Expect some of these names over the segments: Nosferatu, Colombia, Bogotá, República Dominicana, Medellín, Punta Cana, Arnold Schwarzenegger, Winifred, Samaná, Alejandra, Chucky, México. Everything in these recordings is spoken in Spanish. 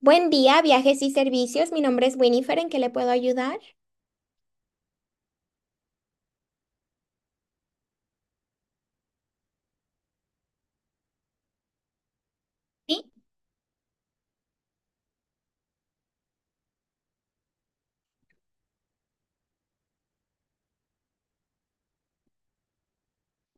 Buen día, viajes y servicios. Mi nombre es Winifred. ¿En qué le puedo ayudar? Sí.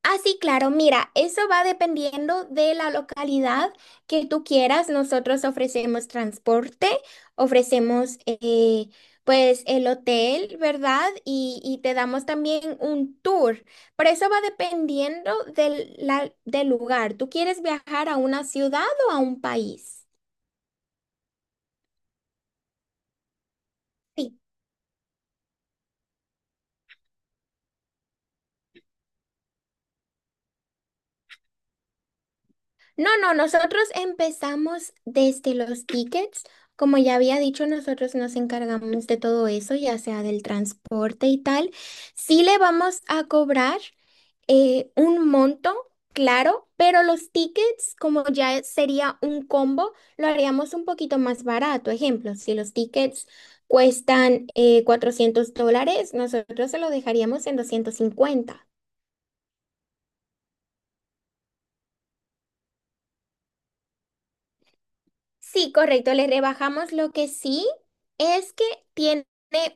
Ah, sí, claro. Mira, eso va dependiendo de la localidad que tú quieras. Nosotros ofrecemos transporte, ofrecemos pues el hotel, ¿verdad? Y te damos también un tour. Pero eso va dependiendo del lugar. ¿Tú quieres viajar a una ciudad o a un país? Sí. No, no, nosotros empezamos desde los tickets. Como ya había dicho, nosotros nos encargamos de todo eso, ya sea del transporte y tal. Sí le vamos a cobrar un monto, claro, pero los tickets, como ya sería un combo, lo haríamos un poquito más barato. Ejemplo, si los tickets cuestan $400, nosotros se lo dejaríamos en 250. Sí, correcto, le rebajamos lo que sí es que tiene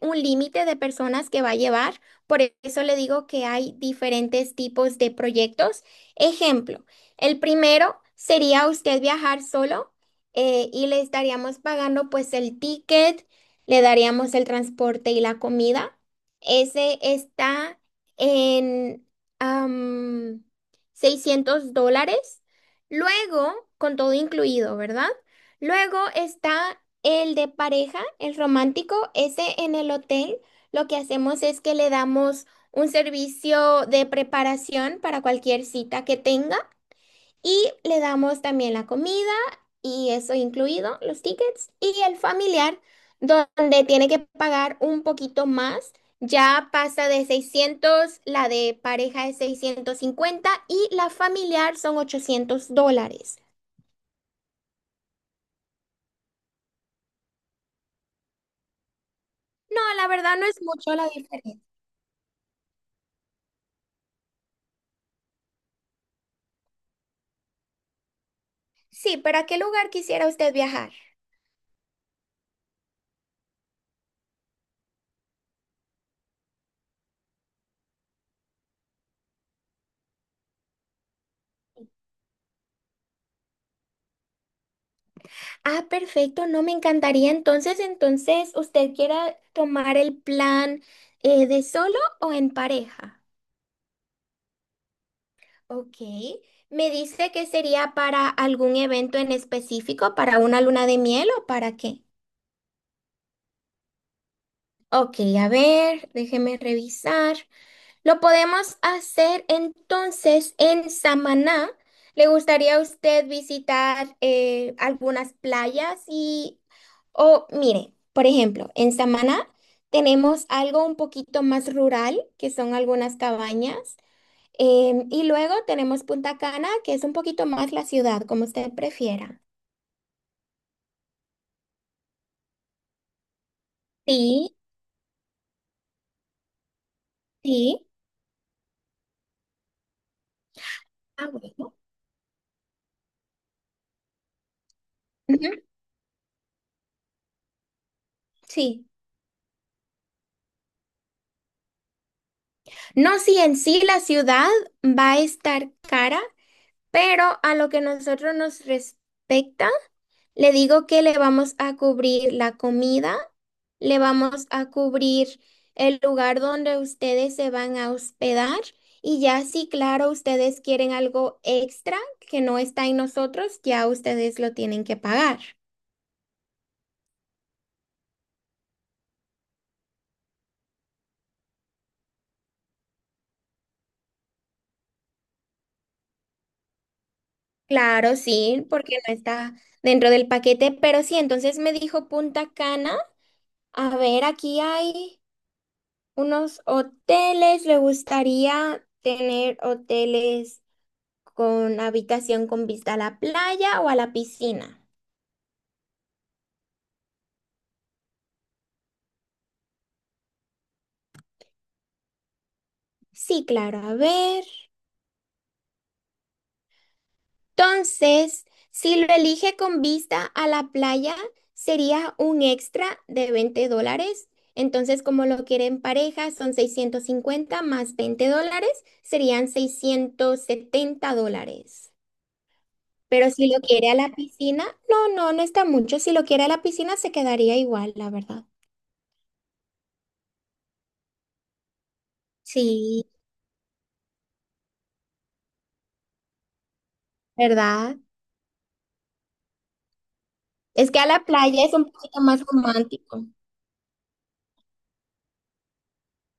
un límite de personas que va a llevar, por eso le digo que hay diferentes tipos de proyectos. Ejemplo, el primero sería usted viajar solo y le estaríamos pagando pues el ticket, le daríamos el transporte y la comida. Ese está en am, $600, luego con todo incluido, ¿verdad? Luego está el de pareja, el romántico. Ese en el hotel lo que hacemos es que le damos un servicio de preparación para cualquier cita que tenga y le damos también la comida y eso incluido, los tickets y el familiar, donde tiene que pagar un poquito más. Ya pasa de 600, la de pareja es 650 y la familiar son $800. No, la verdad no es mucho la diferencia. Sí, ¿para qué lugar quisiera usted viajar? Ah, perfecto, no me encantaría. Entonces, ¿usted quiera tomar el plan de solo o en pareja? Ok. ¿Me dice que sería para algún evento en específico, para una luna de miel o para qué? Ok, a ver, déjeme revisar. Lo podemos hacer entonces en Samaná. ¿Le gustaría a usted visitar algunas playas? Y, o mire, por ejemplo, en Samaná tenemos algo un poquito más rural, que son algunas cabañas. Y luego tenemos Punta Cana, que es un poquito más la ciudad, como usted prefiera. Sí, sí. Ah, bueno. Ujú, sí. No, sí, en sí la ciudad va a estar cara, pero a lo que nosotros nos respecta, le digo que le vamos a cubrir la comida, le vamos a cubrir el lugar donde ustedes se van a hospedar y ya si, claro, ustedes quieren algo extra que no está en nosotros, ya ustedes lo tienen que pagar. Claro, sí, porque no está dentro del paquete, pero sí, entonces me dijo Punta Cana. A ver, aquí hay unos hoteles. Le gustaría tener hoteles con habitación con vista a la playa o a la piscina. Sí, claro, a ver. Entonces, si lo elige con vista a la playa, sería un extra de $20. Entonces, como lo quiere en pareja, son 650 más $20, serían $670. Pero si lo quiere a la piscina, no, no, no está mucho. Si lo quiere a la piscina, se quedaría igual, la verdad. Sí, ¿verdad? Es que a la playa es un poquito más romántico,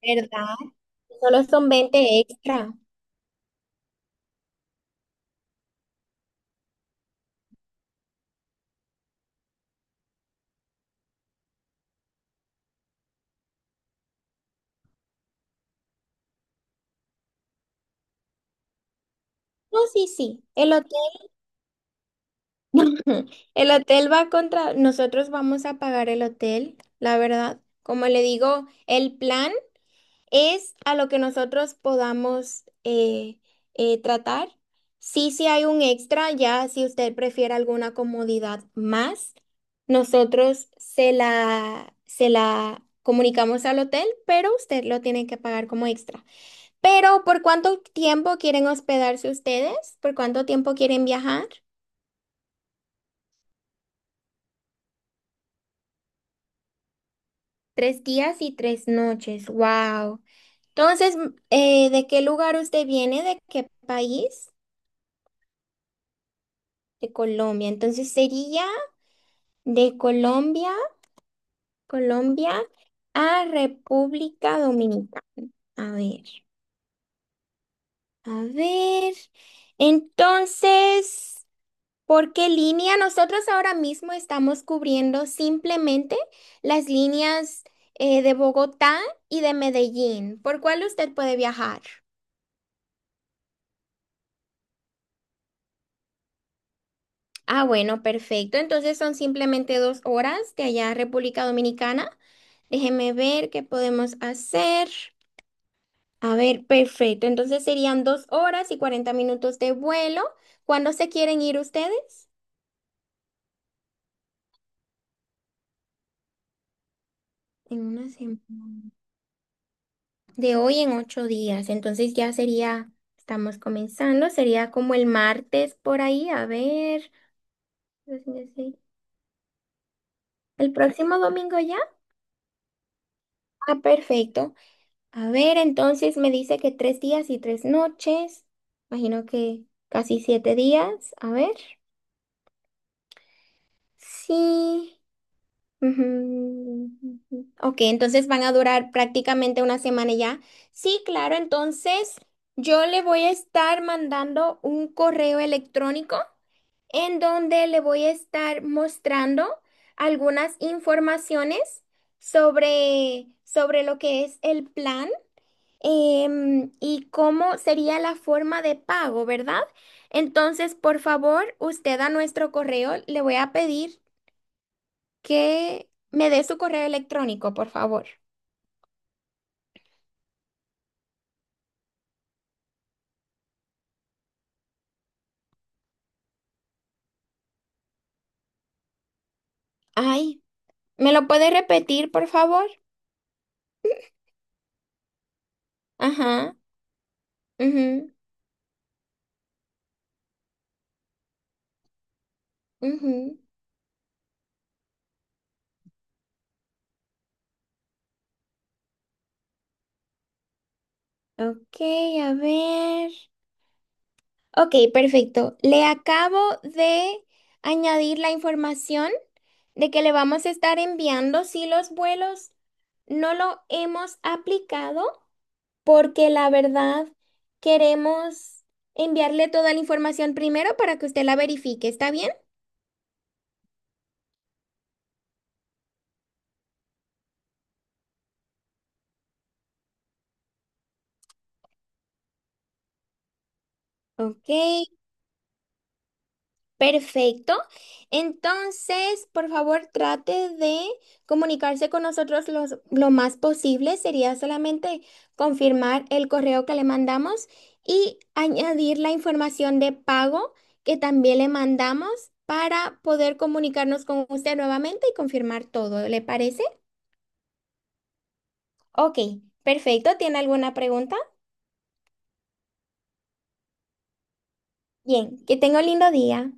¿verdad? Solo son 20 extra. No, sí, sí. El hotel, el hotel va contra, nosotros vamos a pagar el hotel, la verdad. Como le digo, el plan es a lo que nosotros podamos tratar. Sí, sí hay un extra, ya si usted prefiere alguna comodidad más, nosotros se la comunicamos al hotel, pero usted lo tiene que pagar como extra. Pero, ¿por cuánto tiempo quieren hospedarse ustedes? ¿Por cuánto tiempo quieren viajar? 3 días y 3 noches. Wow. Entonces, ¿de qué lugar usted viene? ¿De qué país? De Colombia. Entonces sería de Colombia a República Dominicana. A ver, a ver. Entonces, ¿por qué línea? Nosotros ahora mismo estamos cubriendo simplemente las líneas de Bogotá y de Medellín. ¿Por cuál usted puede viajar? Ah, bueno, perfecto. Entonces son simplemente dos horas de allá a República Dominicana. Déjeme ver qué podemos hacer. A ver, perfecto. Entonces serían 2 horas y 40 minutos de vuelo. ¿Cuándo se quieren ir ustedes? En una semana. De hoy en 8 días. Entonces ya sería, estamos comenzando, sería como el martes por ahí. A ver, ¿el próximo domingo ya? Ah, perfecto. A ver, entonces me dice que 3 días y 3 noches. Imagino que casi 7 días. A ver. Sí. Ujú, ujú. Ok, entonces van a durar prácticamente una semana ya. Sí, claro, entonces yo le voy a estar mandando un correo electrónico en donde le voy a estar mostrando algunas informaciones sobre lo que es el plan y cómo sería la forma de pago, ¿verdad? Entonces, por favor, usted a nuestro correo le voy a pedir que me dé su correo electrónico, por favor. Ay, ¿me lo puede repetir, por favor? Ajá. Mhm, mhm. Ok, a ver. Ok, perfecto. Le acabo de añadir la información de que le vamos a estar enviando si los vuelos no lo hemos aplicado porque la verdad queremos enviarle toda la información primero para que usted la verifique. ¿Está bien? Ok. Perfecto. Entonces, por favor, trate de comunicarse con nosotros lo más posible. Sería solamente confirmar el correo que le mandamos y añadir la información de pago que también le mandamos para poder comunicarnos con usted nuevamente y confirmar todo. ¿Le parece? Ok, perfecto. ¿Tiene alguna pregunta? Bien, que tenga un lindo día.